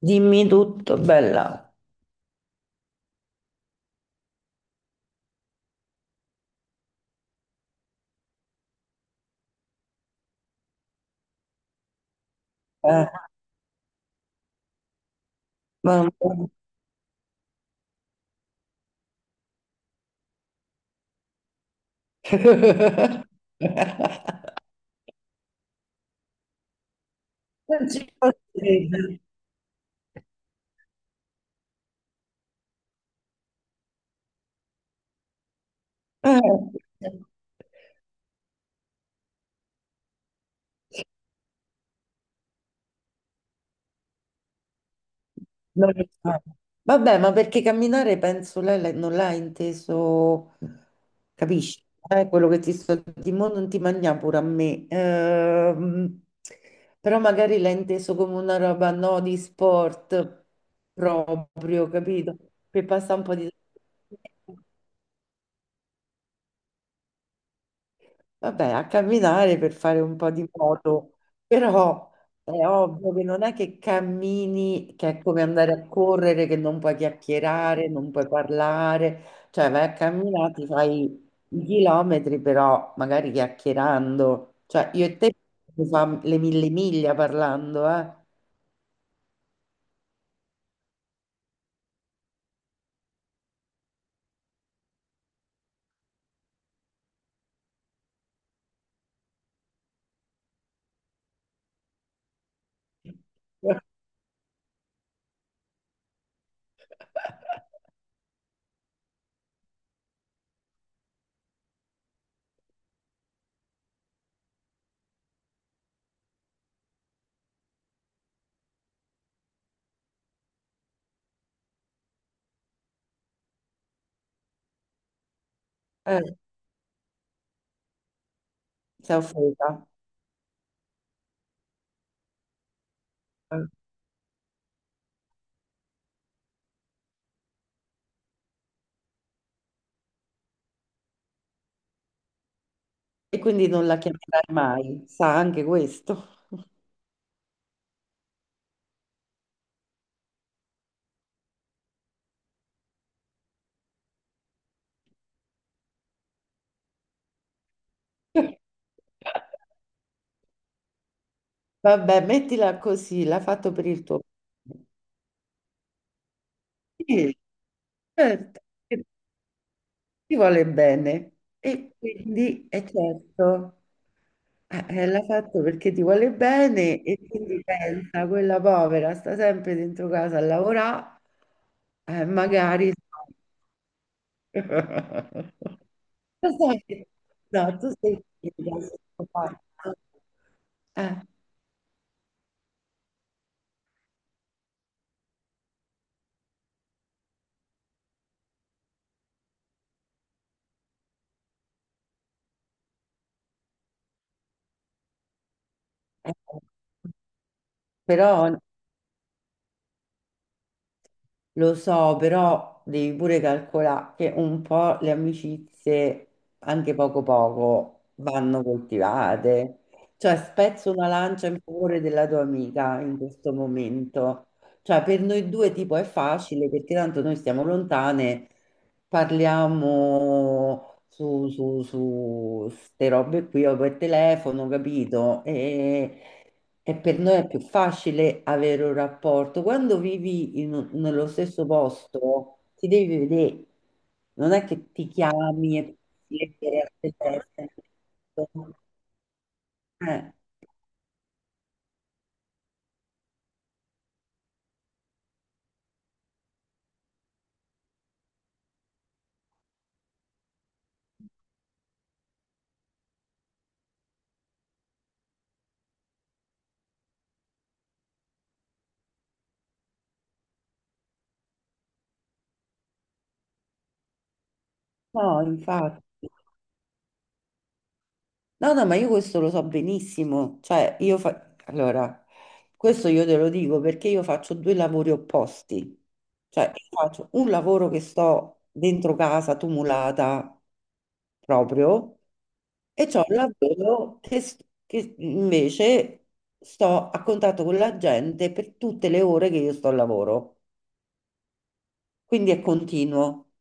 Dimmi tutto, bella. Eh, ma- Non ci posso credere. Eh, non lo so. Vabbè, ma perché camminare penso lei non l'ha inteso, capisci? Quello che ti sto dicendo non ti mangia pure a me. Però magari l'ha inteso come una roba no di sport proprio, capito? Che passa un po' di... Vabbè, a camminare per fare un po' di moto, però è ovvio che non è che cammini, che è come andare a correre, che non puoi chiacchierare, non puoi parlare, cioè vai a camminare, ti fai i chilometri, però magari chiacchierando, cioè io e te mi fa le mille miglia parlando, eh? Eh, sei offesa. Eh. E quindi non la chiamerai mai, sa anche questo. Vabbè, mettila così, l'ha fatto per il tuo bene. Sì, certo, che ti vuole bene. E quindi è certo, l'ha fatto perché ti vuole bene e quindi pensa, quella povera sta sempre dentro casa a lavorare, magari... Lo sai no, tu sei... figa, sono fatta. Eh, eh, però lo so, però devi pure calcolare che un po' le amicizie, anche poco poco, vanno coltivate. Cioè, spezzo una lancia in favore della tua amica in questo momento. Cioè, per noi due tipo è facile perché tanto noi stiamo lontane, parliamo su ste robe qui o per telefono, capito? E per noi è più facile avere un rapporto. Quando vivi in nello stesso posto, ti devi vedere. Non è che ti chiami e ti leggere a te testa. Eh, no, infatti. No, no, ma io questo lo so benissimo. Cioè, io fa... Allora, questo io te lo dico perché io faccio due lavori opposti. Cioè, io faccio un lavoro che sto dentro casa, tumulata, proprio, e c'ho un lavoro che invece sto a contatto con la gente per tutte le ore che io sto al lavoro. Quindi è continuo.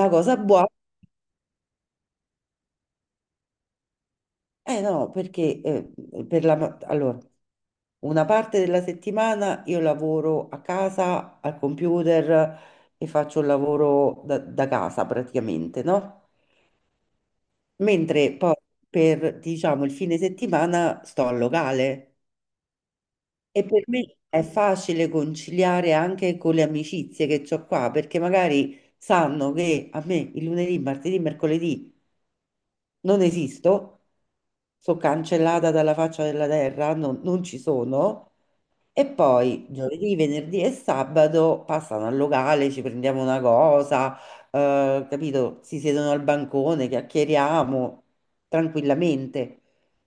La cosa buona. Eh no, no, perché allora, una parte della settimana io lavoro a casa al computer e faccio il lavoro da casa praticamente, no? Mentre poi per, diciamo, il fine settimana sto al locale e per me è facile conciliare anche con le amicizie che ho qua, perché magari sanno che a me il lunedì, martedì, mercoledì non esisto, sono cancellata dalla faccia della terra, non ci sono. E poi Già. Giovedì, venerdì e sabato passano al locale, ci prendiamo una cosa, capito? Si siedono al bancone, chiacchieriamo tranquillamente,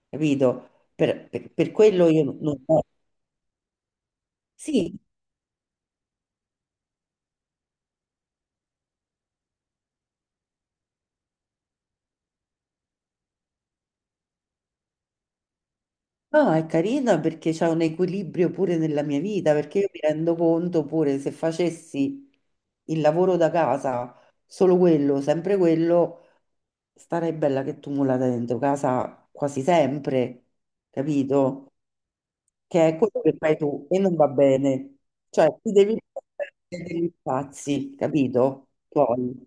capito? Per quello io non... Sì, no, è carina perché c'è un equilibrio pure nella mia vita, perché io mi rendo conto pure se facessi il lavoro da casa, solo quello, sempre quello, starei bella che tumulata dentro casa quasi sempre, capito? Che è quello che fai tu e non va bene. Cioè, ti devi perdere degli spazi, capito? Poi,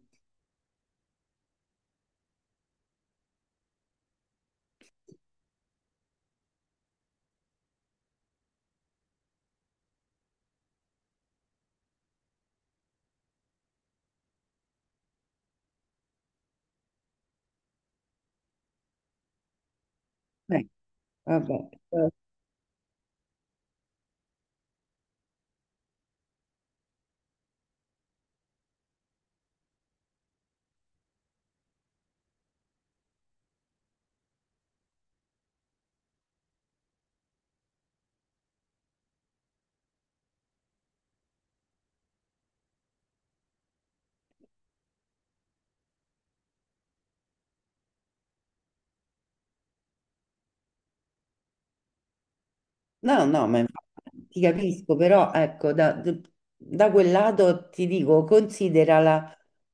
eh, vabbè. No, no, no, ma infatti ti capisco, però ecco, da quel lato ti dico, considera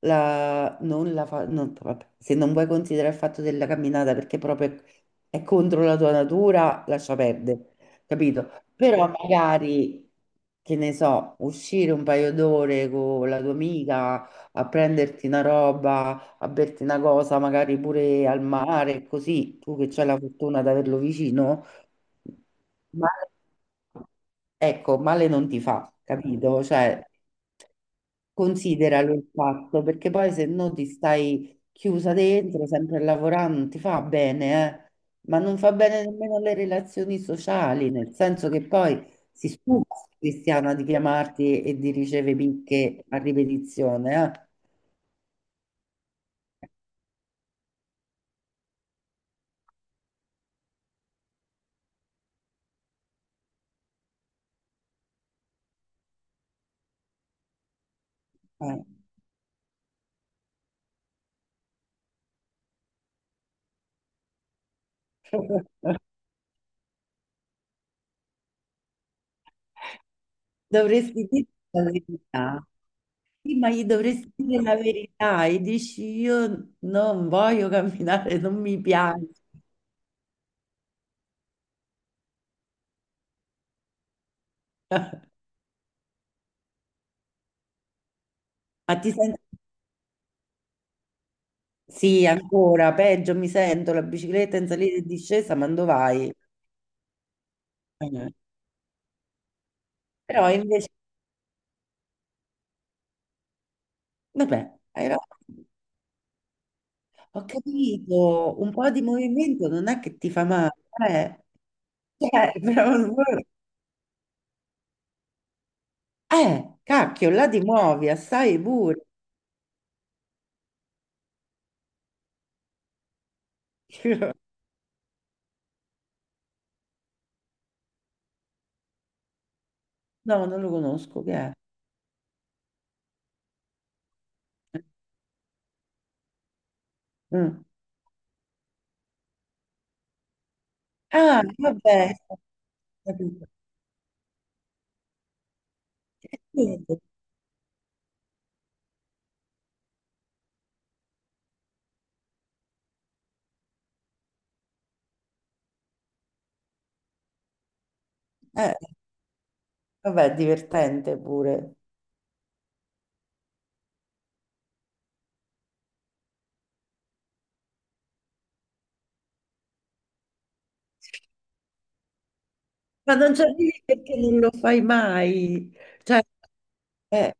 la, non la fa, vabbè, se non vuoi considerare il fatto della camminata perché proprio è, contro la tua natura, lascia perdere, capito? Però magari, che ne so, uscire un paio d'ore con la tua amica a prenderti una roba, a berti una cosa, magari pure al mare, così tu che c'hai la fortuna di averlo vicino, male- ecco, male non ti fa, capito? Cioè. Consideralo il fatto, perché poi se no ti stai chiusa dentro, sempre a lavorare, non ti fa bene, eh. Ma non fa bene nemmeno alle relazioni sociali, nel senso che poi si stufa sta Cristiana di chiamarti e di ricevere picche a ripetizione, eh. Dovresti dire la verità. Sì, ma gli dovresti dire la verità e dici io non voglio camminare, non mi piace. Ma ti senti sì, ancora, peggio, mi sento la bicicletta in salita e discesa, ma dove vai? Eh, Però invece, vabbè, hai ragione. Ho capito, un po' di movimento non è che ti fa male, eh, cioè, cacchio, là ti muovi, assai pure. No, non lo conosco, che è? Eh. Mm. Ah, vabbè, ho capito. Eh, vabbè, è divertente pure. Ma non c'è perché non lo fai mai. Cioè, eh,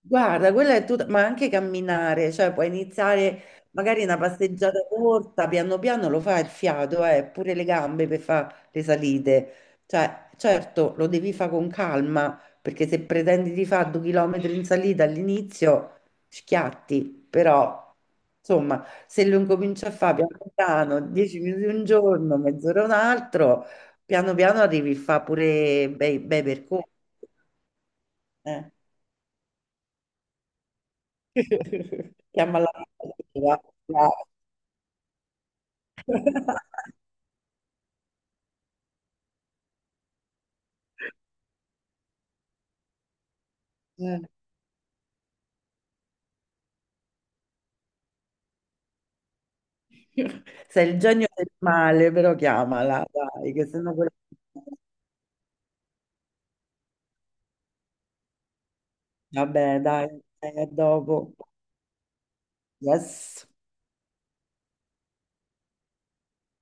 guarda, quella è tutta, ma anche camminare, cioè puoi iniziare magari una passeggiata corta, piano piano lo fa il fiato, pure le gambe per fare le salite. Cioè, certo, lo devi fare con calma, perché se pretendi di fare 2 chilometri in salita all'inizio, schiatti, però, insomma, se lo incominci a fare piano piano, 10 minuti un giorno, mezz'ora un altro, piano piano arrivi a fare pure bei, bei percorsi. Eh. Chiama la cattiva, dai. Eh. Sei il genio del male, però chiamala, dai, che sennò quella... Vabbè, dai, a dopo. Yes.